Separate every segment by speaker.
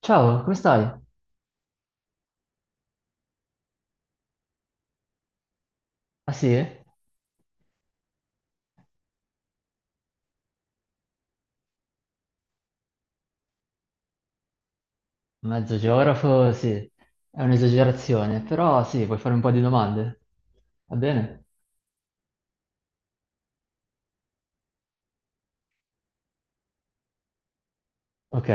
Speaker 1: Ciao, come stai? Ah sì? Mezzo geografo, sì. È un'esagerazione, però sì, puoi fare un po' di domande. Va bene? Ok,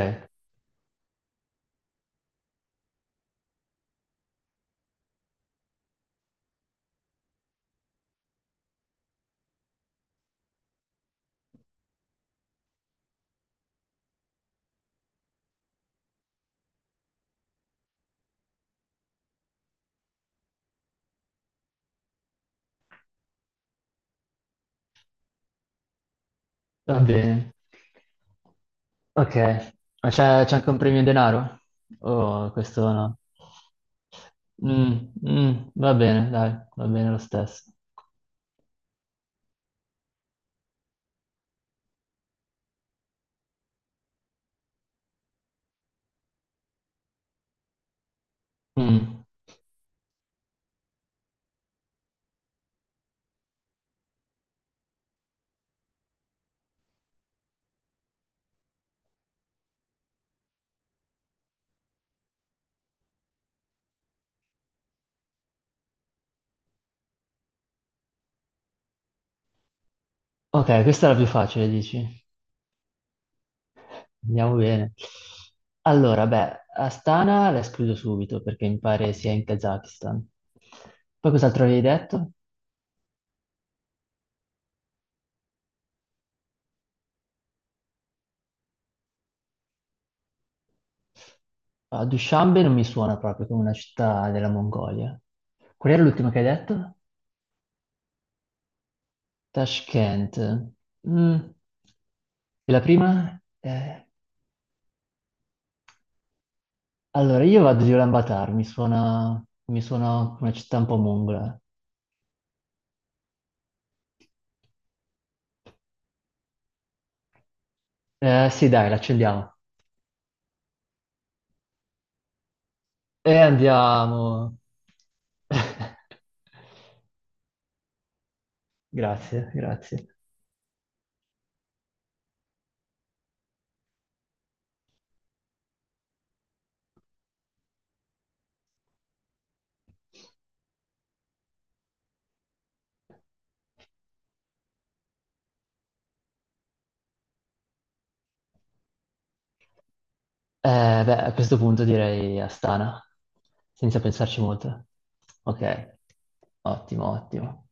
Speaker 1: va bene. Ok, ma c'è anche un premio in denaro? Oh, questo no. Mm, mm, va bene, dai, va bene lo stesso. Mm. Ok, questa è la più facile, dici? Andiamo bene. Allora, beh, Astana la escludo subito perché mi pare sia in Kazakistan. Poi cos'altro avevi detto? Ah, Dushanbe non mi suona proprio come una città della Mongolia. Qual era l'ultima che hai detto? Tashkent. Mm, e la prima? Allora, io vado di Ulaanbaatar, mi suona una città un po' mongola. Sì, dai, l'accendiamo. E andiamo. Grazie, grazie. Beh, a questo punto direi Astana, senza pensarci molto. Ok, ottimo, ottimo.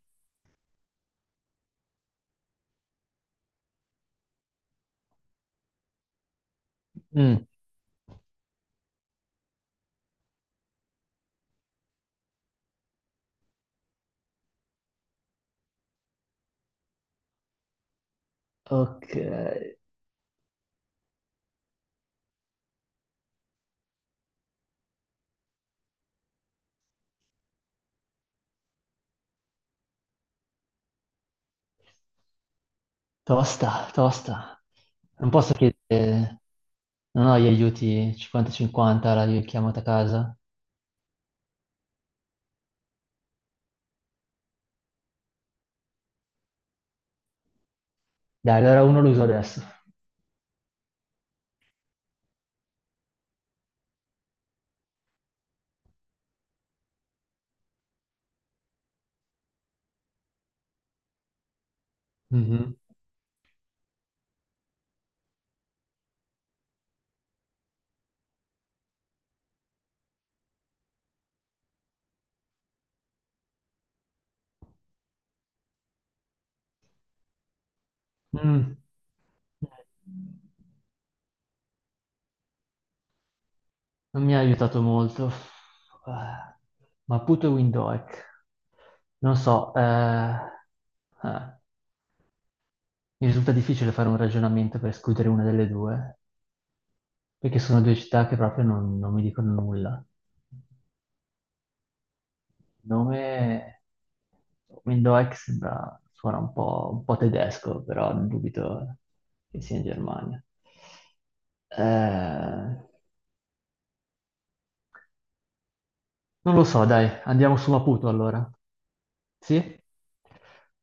Speaker 1: Mm. Ok, tosta, tosta. Non posso chiedere, non ho gli aiuti 50-50, la richiamata a casa. Dai, allora uno lo uso adesso. Mhm. Mm, non mi ha aiutato molto. Ah, Maputo e Windhoek. Non so, mi risulta difficile fare un ragionamento per escludere una delle due, perché sono due città che proprio non mi dicono nulla. Nome. Window X sembra, suona un po' tedesco, però dubito che sia in Germania. Eh, Non lo so, dai, andiamo su Maputo allora. Sì?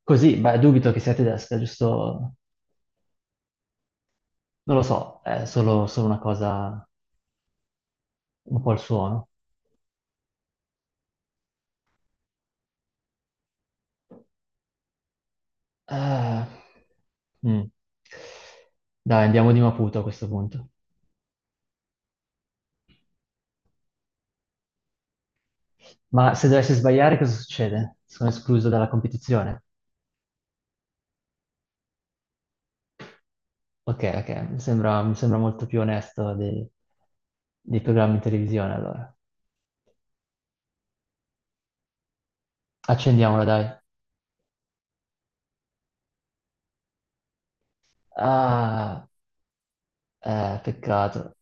Speaker 1: Così, beh, dubito che sia tedesca, giusto? Non lo so, è solo una cosa, un po' il suono. Eh, mm. Dai, andiamo di Maputo a questo punto. Ma se dovessi sbagliare, cosa succede? Sono escluso dalla competizione? Ok, ok, mi sembra molto più onesto dei programmi in televisione, allora. Accendiamola, dai. Ah, peccato.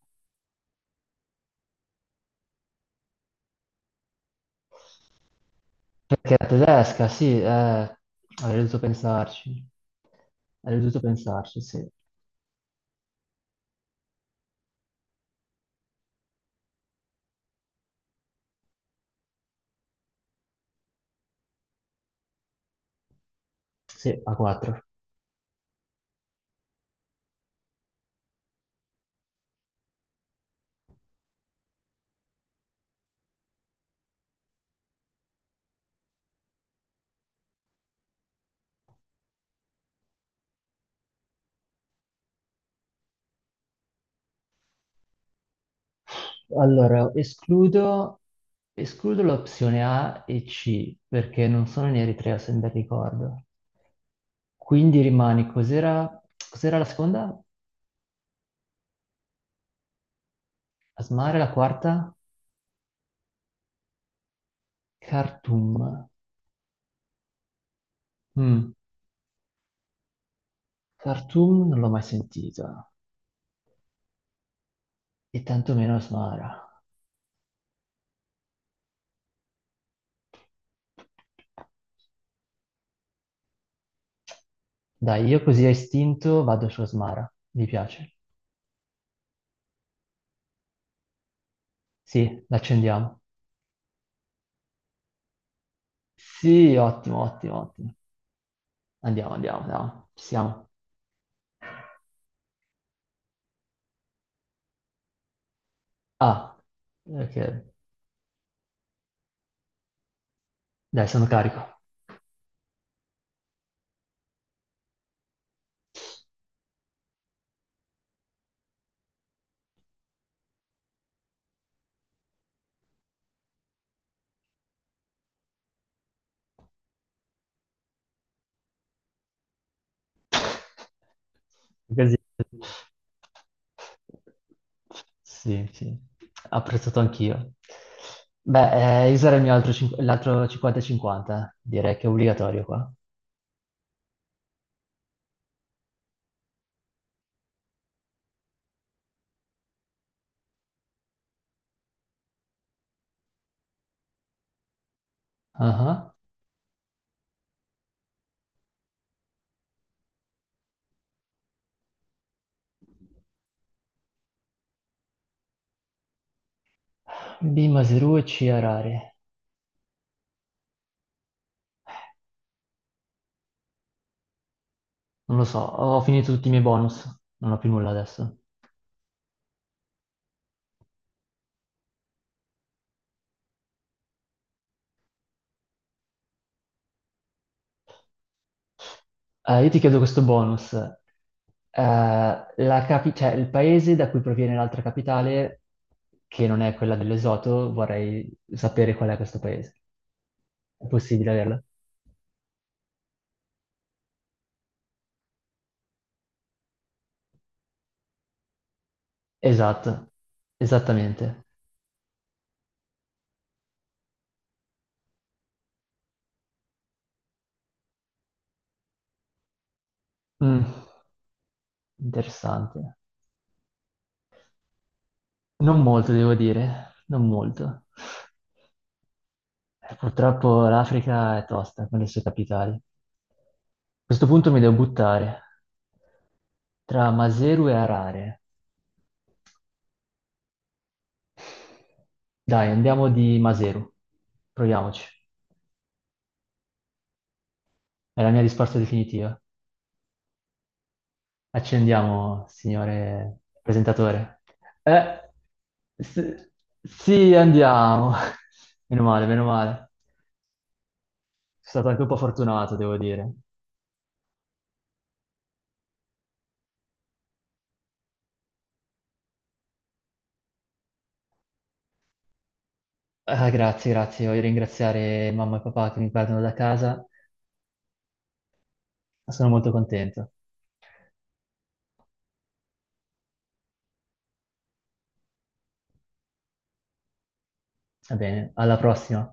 Speaker 1: Perché è tedesca, sì, avrei dovuto pensarci. Avrei dovuto pensarci, sì. Sì, a 4. Allora, escludo l'opzione A e C, perché non sono in Eritrea, se ben ricordo. Quindi rimane, cos'era la seconda? Asmara, la quarta? Khartoum. Mm. Khartoum non l'ho mai sentita e tantomeno Asmara. Dai, io così a istinto vado su Asmara. Mi piace. Sì, l'accendiamo. Sì, ottimo, ottimo, ottimo. Andiamo, andiamo, andiamo. Ci siamo. Ah, ok. Dai, sono carico. Così. Sì, sì. Apprezzato anch'io. Beh, io sarei il mio altro cin- l'altro 50-50, eh, direi che è obbligatorio qua. Ah ah. B, Maseru e C, Harare. Non lo so, ho finito tutti i miei bonus, non ho più nulla adesso. Io ti chiedo questo bonus. Cioè, il paese da cui proviene l'altra capitale, che non è quella dell'Esoto, vorrei sapere qual è questo paese. È possibile averla? Esatto, esattamente. Mm, interessante. Non molto, devo dire, non molto. Purtroppo l'Africa è tosta con le sue capitali. Questo punto mi devo buttare tra Maseru e Harare. Dai, andiamo di Maseru. Proviamoci. È la mia risposta definitiva. Accendiamo, signore presentatore. Eh, s- sì, andiamo. Meno male, meno male. Sono stato anche un po' fortunato, devo dire. Ah, grazie, grazie. Voglio ringraziare mamma e papà che mi guardano da casa. Sono molto contento. Va bene, alla prossima.